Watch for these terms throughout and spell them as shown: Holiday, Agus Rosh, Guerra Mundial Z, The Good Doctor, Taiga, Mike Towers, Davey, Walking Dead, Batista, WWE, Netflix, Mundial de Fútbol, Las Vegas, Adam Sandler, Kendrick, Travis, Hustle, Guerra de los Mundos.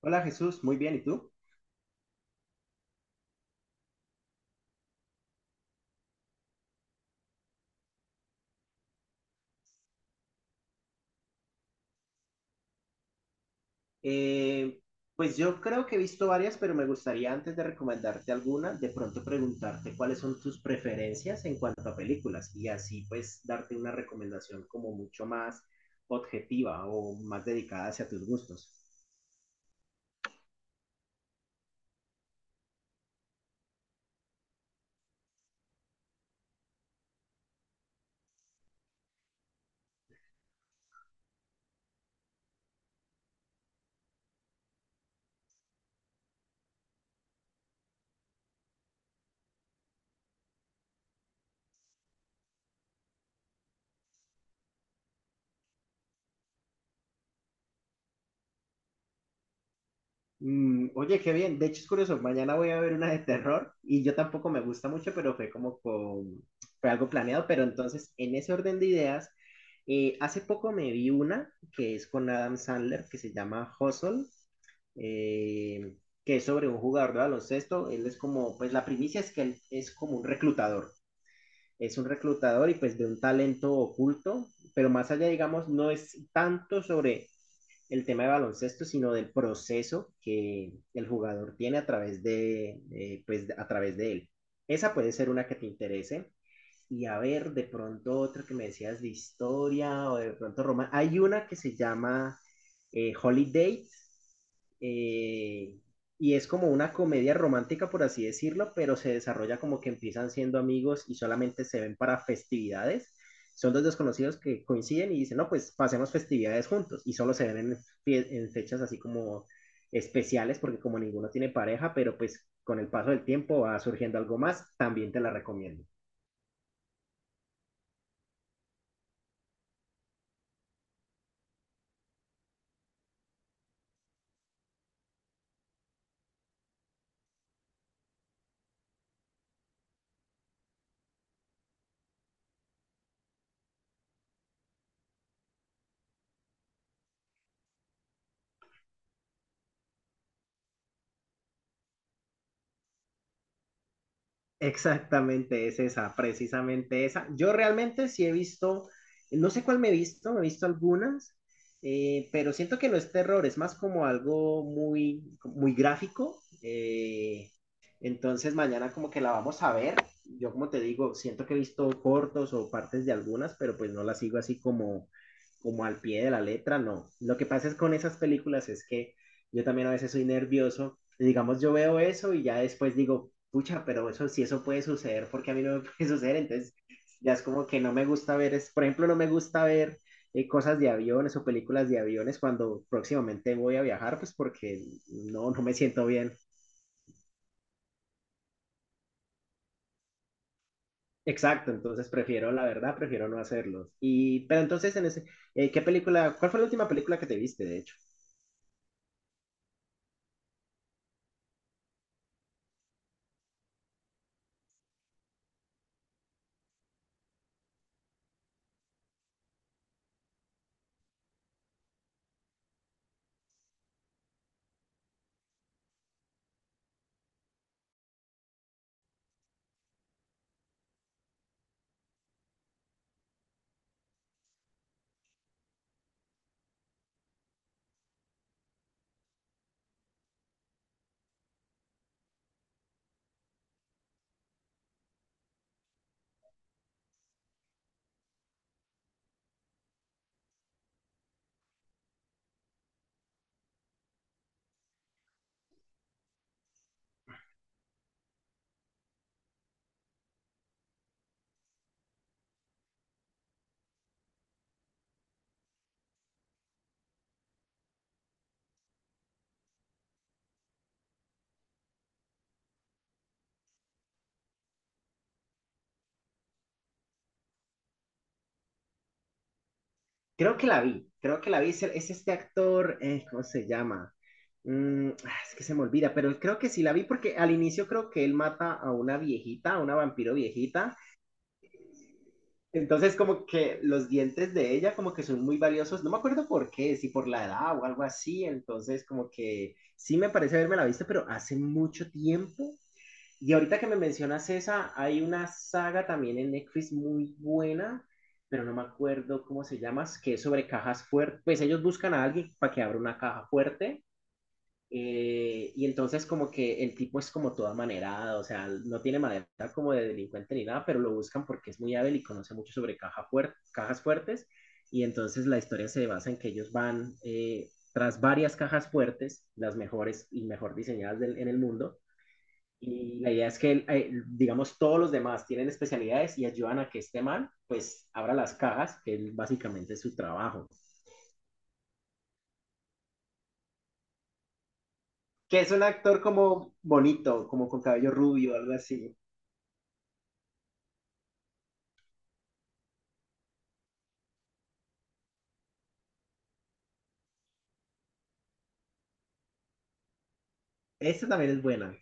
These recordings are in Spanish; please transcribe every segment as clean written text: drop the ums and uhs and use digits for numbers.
Hola Jesús, muy bien, ¿y tú? Eh, pues yo creo que he visto varias, pero me gustaría antes de recomendarte alguna, de pronto preguntarte cuáles son tus preferencias en cuanto a películas y así pues darte una recomendación como mucho más objetiva o más dedicada hacia tus gustos. Mm, oye, qué bien. De hecho, es curioso. Mañana voy a ver una de terror y yo tampoco me gusta mucho, pero fue como con... fue algo planeado. Pero entonces, en ese orden de ideas, hace poco me vi una que es con Adam Sandler que se llama Hustle, eh, que es sobre un jugador de baloncesto. Él es como, pues la primicia es que él es como un reclutador. Es un reclutador y pues de un talento oculto, pero más allá, digamos, no es tanto sobre el tema de baloncesto, sino del proceso que el jugador tiene a través de, pues, a través de él. Esa puede ser una que te interese y a ver, de pronto otra que me decías de historia o de pronto Roma. Hay una que se llama Holiday eh, y es como una comedia romántica, por así decirlo, pero se desarrolla como que empiezan siendo amigos y solamente se ven para festividades. Son dos desconocidos que coinciden y dicen, no, pues pasemos festividades juntos y solo se ven en, en fechas así como especiales porque como ninguno tiene pareja, pero pues con el paso del tiempo va surgiendo algo más, también te la recomiendo. Exactamente, es esa, precisamente esa. Yo realmente sí he visto, no sé cuál me he visto algunas, pero siento que no es terror, es más como algo muy, muy gráfico. Entonces mañana como que la vamos a ver. Yo como te digo, siento que he visto cortos o partes de algunas, pero pues no las sigo así como, como al pie de la letra, no. Lo que pasa es con esas películas es que yo también a veces soy nervioso. Y digamos, yo veo eso y ya después digo, pucha, pero eso si eso puede suceder, porque a mí no me puede suceder. Entonces, ya es como que no me gusta ver, es, por ejemplo, no me gusta ver cosas de aviones o películas de aviones cuando próximamente voy a viajar, pues porque no, no me siento bien. Exacto, entonces prefiero, la verdad, prefiero no hacerlo. Y, pero entonces, en ese, ¿qué película, cuál fue la última película que te viste, de hecho? Creo que la vi, creo que la vi. Es, es este actor, ¿cómo se llama? Mm, ah, es que se me olvida, pero creo que sí la vi porque al inicio creo que él mata a una viejita, a una vampiro viejita. Entonces como que los dientes de ella como que son muy valiosos. No me acuerdo por qué, si por la edad o algo así. Entonces como que sí me parece haberme la visto, pero hace mucho tiempo. Y ahorita que me mencionas esa, hay una saga también en Netflix muy buena, pero no me acuerdo cómo se llama, que es sobre cajas fuertes. Pues ellos buscan a alguien para que abra una caja fuerte. Y entonces como que el tipo es como toda manerada, o sea, no tiene manera como de delincuente ni nada, pero lo buscan porque es muy hábil y conoce mucho sobre cajas fuertes. Y entonces la historia se basa en que ellos van tras varias cajas fuertes, las mejores y mejor diseñadas en el mundo y la idea es que, digamos, todos los demás tienen especialidades y ayudan a que este man, pues, abra las cajas, que es básicamente su trabajo. Que es un actor como bonito, como con cabello rubio, algo así. Esta también es buena.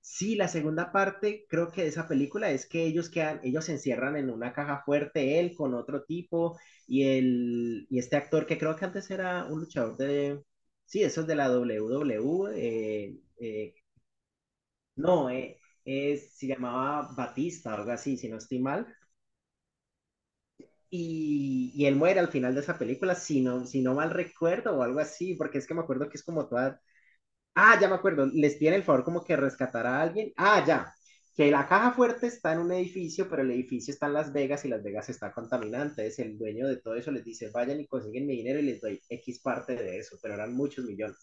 Sí, la segunda parte, creo que de esa película es que ellos quedan, ellos se encierran en una caja fuerte, él con otro tipo, y, el, y este actor que creo que antes era un luchador de, sí, eso es de la WWE, no, se llamaba Batista, algo así, si no estoy mal. Y él muere al final de esa película, si no, si no mal recuerdo o algo así, porque es que me acuerdo que es como toda... Ah, ya me acuerdo, les piden el favor como que rescatar a alguien. Ah, ya, que la caja fuerte está en un edificio, pero el edificio está en Las Vegas y Las Vegas está contaminante. Entonces el dueño de todo eso les dice, vayan y consiguen mi dinero y les doy X parte de eso, pero eran muchos millones.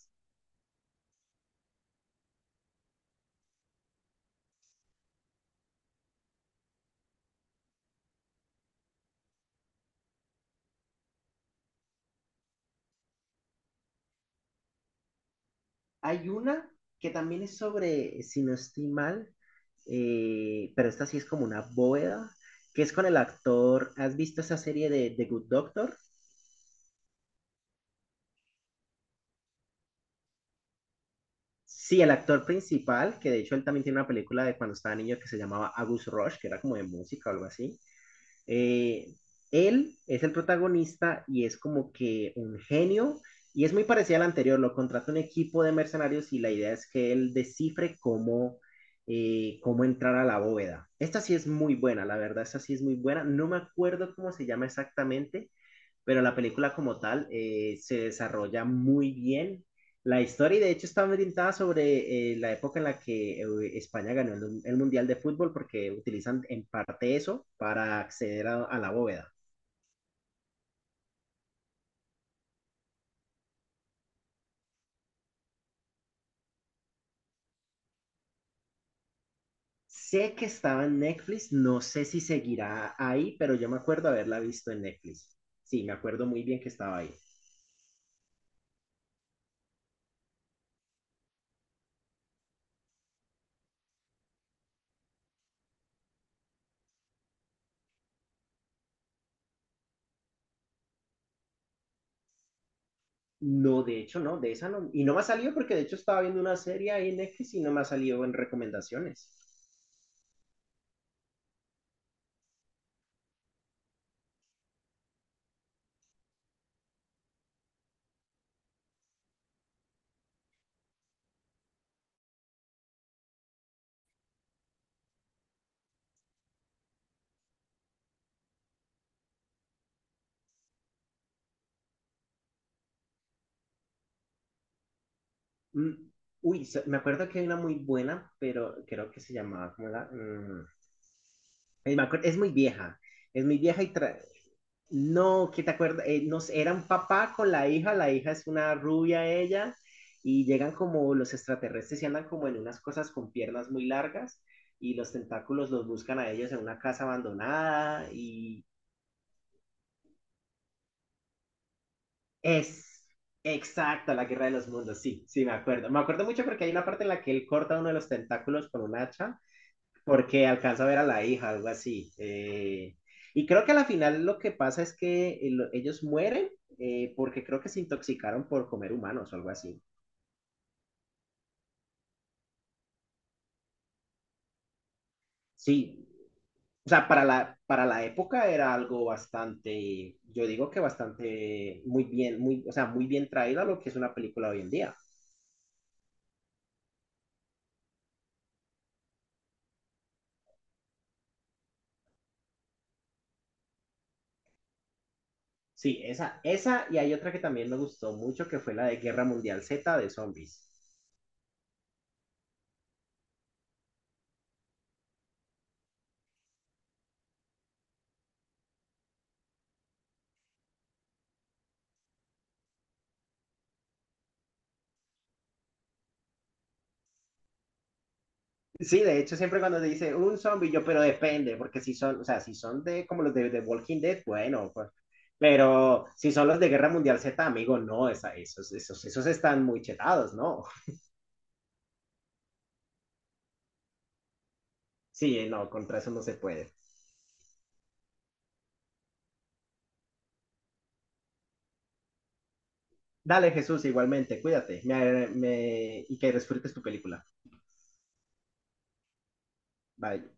Hay una que también es sobre, si no estoy mal, pero esta sí es como una bóveda, que es con el actor, ¿has visto esa serie de The Good Doctor? Sí, el actor principal, que de hecho él también tiene una película de cuando estaba niño que se llamaba Agus Rosh, que era como de música o algo así. Eh, Él es el protagonista y es como que un genio y es muy parecido al anterior. Lo contrata un equipo de mercenarios y la idea es que él descifre cómo, cómo entrar a la bóveda. Esta sí es muy buena, la verdad, esta sí es muy buena. No me acuerdo cómo se llama exactamente, pero la película como tal se desarrolla muy bien. La historia, y de hecho, está orientada sobre la época en la que España ganó Mundial de Fútbol, porque utilizan en parte eso para acceder a la bóveda. Sé que estaba en Netflix, no sé si seguirá ahí, pero yo me acuerdo haberla visto en Netflix. Sí, me acuerdo muy bien que estaba ahí. No, de hecho, no, de esa no. Y no me ha salido porque de hecho estaba viendo una serie ahí en Netflix y no me ha salido en recomendaciones. Mm, uy, me acuerdo que hay una muy buena, pero creo que se llamaba como la... eh, me acuer- es muy vieja, es muy vieja y... no, ¿qué te acuerdas? No sé, era un papá con la hija es una rubia ella, y llegan como los extraterrestres y andan como en unas cosas con piernas muy largas, y los tentáculos los buscan a ellos en una casa abandonada, y es exacta la Guerra de los Mundos, sí, sí, me acuerdo. Me acuerdo mucho porque hay una parte en la que él corta uno de los tentáculos con un hacha porque alcanza a ver a la hija, algo así. Y creo que a la final lo que pasa es que ellos mueren porque creo que se intoxicaron por comer humanos o algo así. Sí, o sea, para para la época era algo bastante, yo digo que bastante, muy bien, muy, o sea, muy bien traído a lo que es una película hoy en día. Sí, esa, y hay otra que también me gustó mucho, que fue la de Guerra Mundial Z de zombies. Sí, de hecho, siempre cuando te dice un zombie, yo, pero depende, porque si son, o sea, si son de como los de Walking Dead, bueno, pues, pero si son los de Guerra Mundial Z, amigo, no, esa, esos, esos, esos están muy chetados, ¿no? Sí, no, contra eso no se puede. Dale, Jesús, igualmente, cuídate y que disfrutes tu película. Bye.